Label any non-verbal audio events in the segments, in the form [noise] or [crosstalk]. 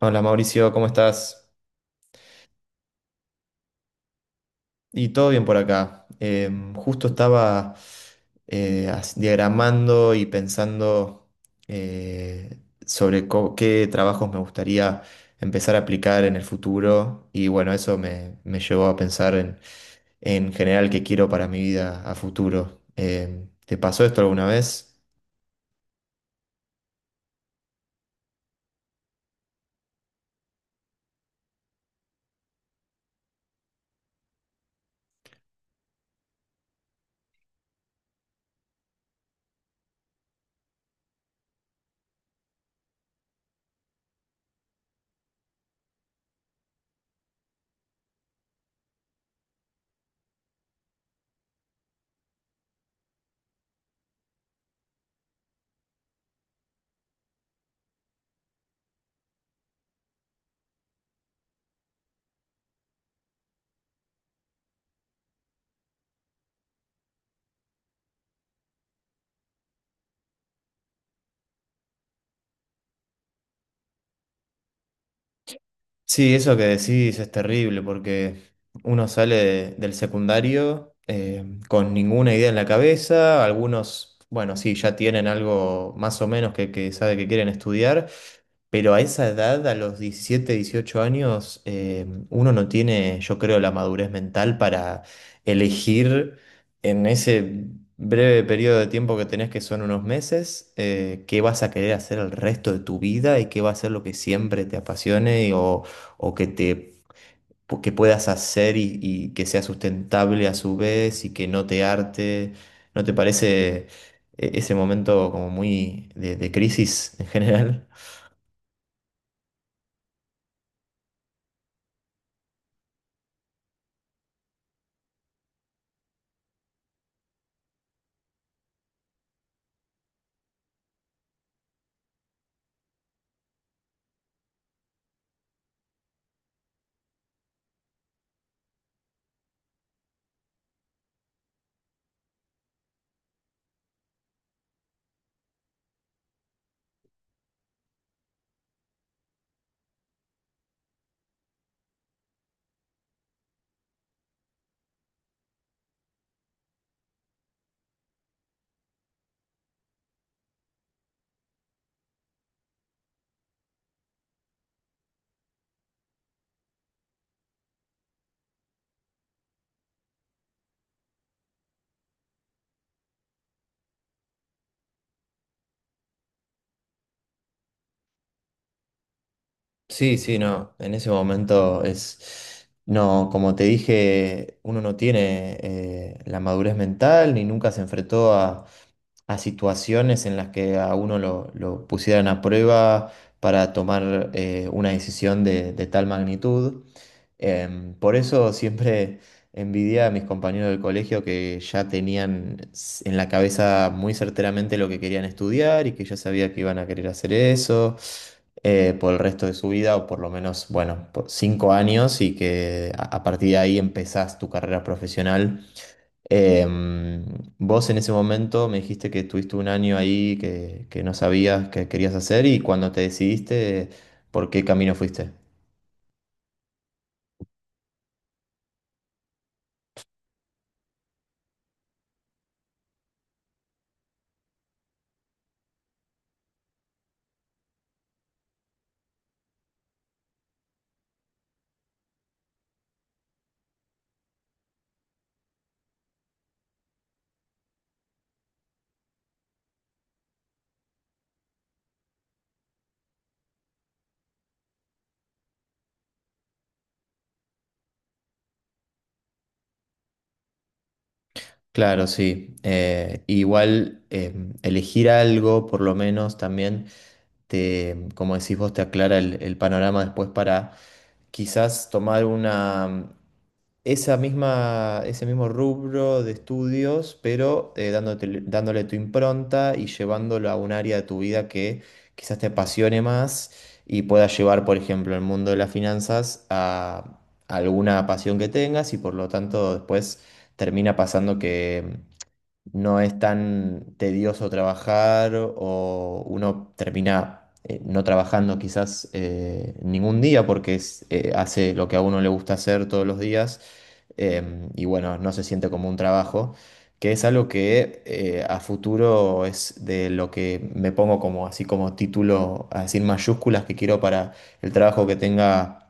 Hola Mauricio, ¿cómo estás? Y todo bien por acá. Justo estaba diagramando y pensando eh, qué trabajos me gustaría empezar a aplicar en el futuro. Y bueno, eso me llevó a pensar en general qué quiero para mi vida a futuro. ¿Te pasó esto alguna vez? Sí, eso que decís es terrible porque uno sale del secundario con ninguna idea en la cabeza. Algunos, bueno, sí, ya tienen algo más o menos que sabe que quieren estudiar, pero a esa edad, a los 17, 18 años, uno no tiene, yo creo, la madurez mental para elegir en ese breve periodo de tiempo que tenés, que son unos meses, qué vas a querer hacer el resto de tu vida y qué va a ser lo que siempre te apasione o, o que te, que puedas hacer y que sea sustentable a su vez y que no te harte. ¿No te parece ese momento como muy de crisis en general? Sí, sí, no, en ese momento es, no, como te dije, uno no tiene la madurez mental ni nunca se enfrentó a situaciones en las que a uno lo pusieran a prueba para tomar una decisión de tal magnitud. Por eso siempre [laughs] envidia a mis compañeros del colegio que ya tenían en la cabeza muy certeramente lo que querían estudiar y que ya sabía que iban a querer hacer eso por el resto de su vida, o por lo menos, bueno, por cinco años, y que a partir de ahí empezás tu carrera profesional. Em, Vos en ese momento me dijiste que tuviste un año ahí que no sabías qué querías hacer y cuando te decidiste, ¿por qué camino fuiste? Claro, sí. Igual, elegir algo, por lo menos también, te, como decís vos, te aclara el panorama después para quizás tomar una, esa misma, ese mismo rubro de estudios, pero dándole tu impronta y llevándolo a un área de tu vida que quizás te apasione más y puedas llevar, por ejemplo, el mundo de las finanzas a alguna pasión que tengas, y por lo tanto después termina pasando que no es tan tedioso trabajar, o uno termina... no trabajando quizás ningún día porque es, hace lo que a uno le gusta hacer todos los días. Y bueno, no se siente como un trabajo, que es algo que a futuro es de lo que me pongo como así como título, así en mayúsculas, que quiero para el trabajo que tenga.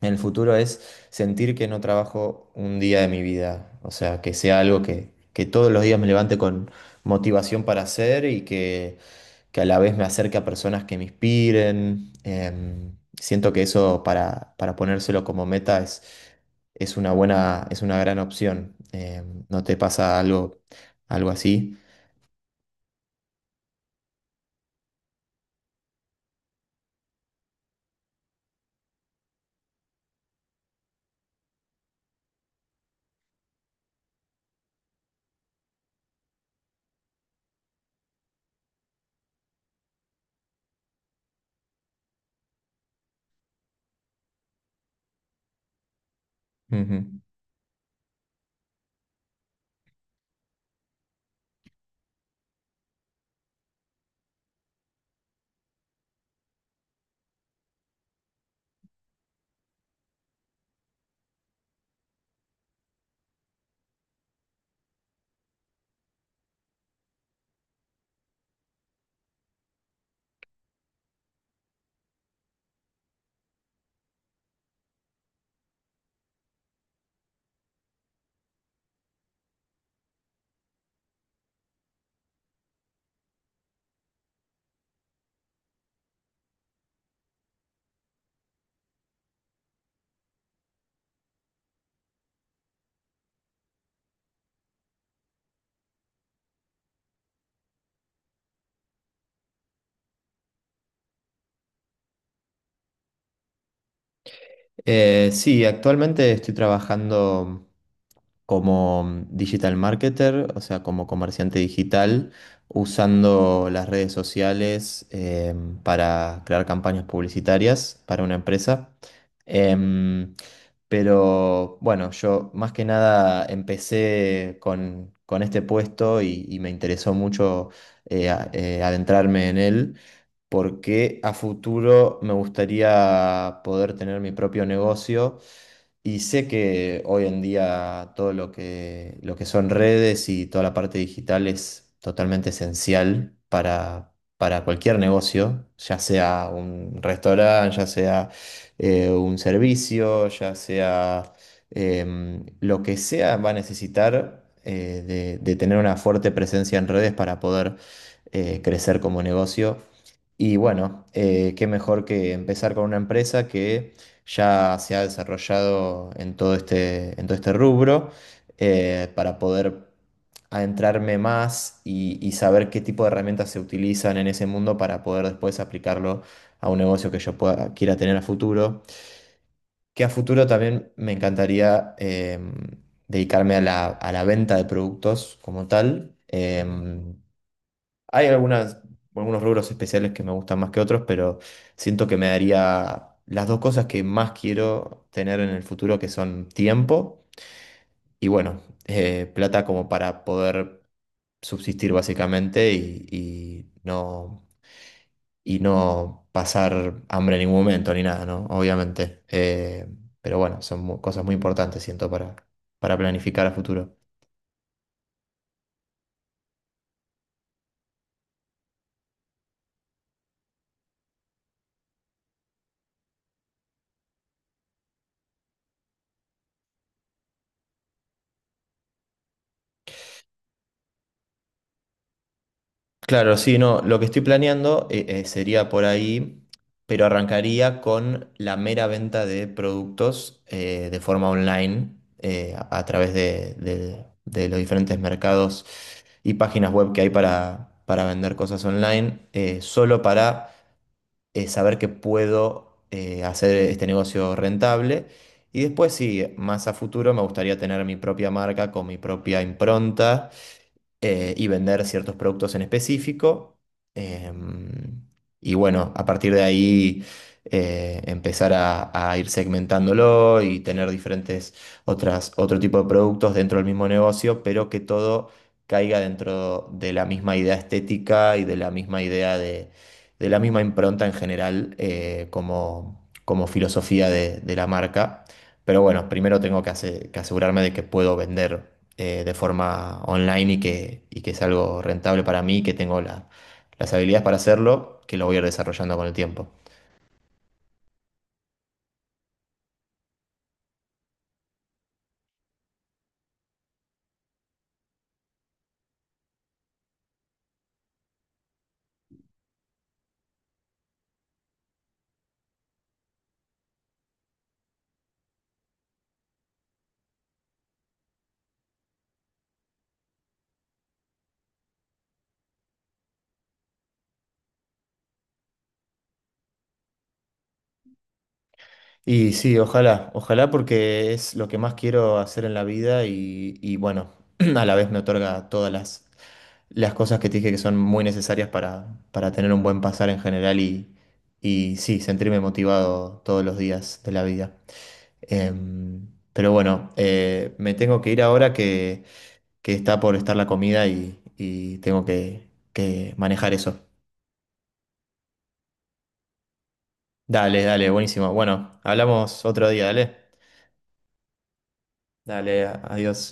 En el futuro es sentir que no trabajo un día de mi vida, o sea, que sea algo que todos los días me levante con motivación para hacer y que a la vez me acerque a personas que me inspiren. Siento que eso para ponérselo como meta es una buena, es una gran opción. ¿No te pasa algo, algo así? Ujú. Sí, actualmente estoy trabajando como digital marketer, o sea, como comerciante digital, usando las redes sociales para crear campañas publicitarias para una empresa. Em, pero bueno, yo más que nada empecé con este puesto y me interesó mucho adentrarme en él, porque a futuro me gustaría poder tener mi propio negocio, y sé que hoy en día todo lo lo que son redes y toda la parte digital es totalmente esencial para cualquier negocio, ya sea un restaurante, ya sea un servicio, ya sea lo que sea, va a necesitar de tener una fuerte presencia en redes para poder crecer como negocio. Y bueno, qué mejor que empezar con una empresa que ya se ha desarrollado en en todo este rubro, para poder adentrarme más y saber qué tipo de herramientas se utilizan en ese mundo, para poder después aplicarlo a un negocio que yo pueda, quiera tener a futuro. Que a futuro también me encantaría, dedicarme a a la venta de productos como tal. Hay algunas, algunos rubros especiales que me gustan más que otros, pero siento que me daría las dos cosas que más quiero tener en el futuro, que son tiempo y bueno, plata, como para poder subsistir básicamente y no pasar hambre en ningún momento ni nada, ¿no? Obviamente. Pero bueno, son cosas muy importantes, siento, para planificar a futuro. Claro, sí, no, lo que estoy planeando sería por ahí, pero arrancaría con la mera venta de productos de forma online, a través de los diferentes mercados y páginas web que hay para vender cosas online, solo para saber que puedo hacer este negocio rentable. Y después, sí, más a futuro me gustaría tener mi propia marca con mi propia impronta, y vender ciertos productos en específico. em, y bueno, a partir de ahí empezar a ir segmentándolo y tener diferentes otras, otro tipo de productos dentro del mismo negocio, pero que todo caiga dentro de la misma idea estética y de la misma idea de la misma impronta en general, como filosofía de la marca. Pero bueno, primero tengo que asegurarme de que puedo vender de forma online y que es algo rentable para mí, que tengo las habilidades para hacerlo, que lo voy a ir desarrollando con el tiempo. Y sí, ojalá, ojalá, porque es lo que más quiero hacer en la vida y bueno, [clears throat] a la vez me otorga todas las cosas que te dije que son muy necesarias para tener un buen pasar en general y sí, sentirme motivado todos los días de la vida. Pero bueno, me tengo que ir ahora que está por estar la comida y tengo que manejar eso. Dale, dale, buenísimo. Bueno, hablamos otro día, dale. Dale, adiós.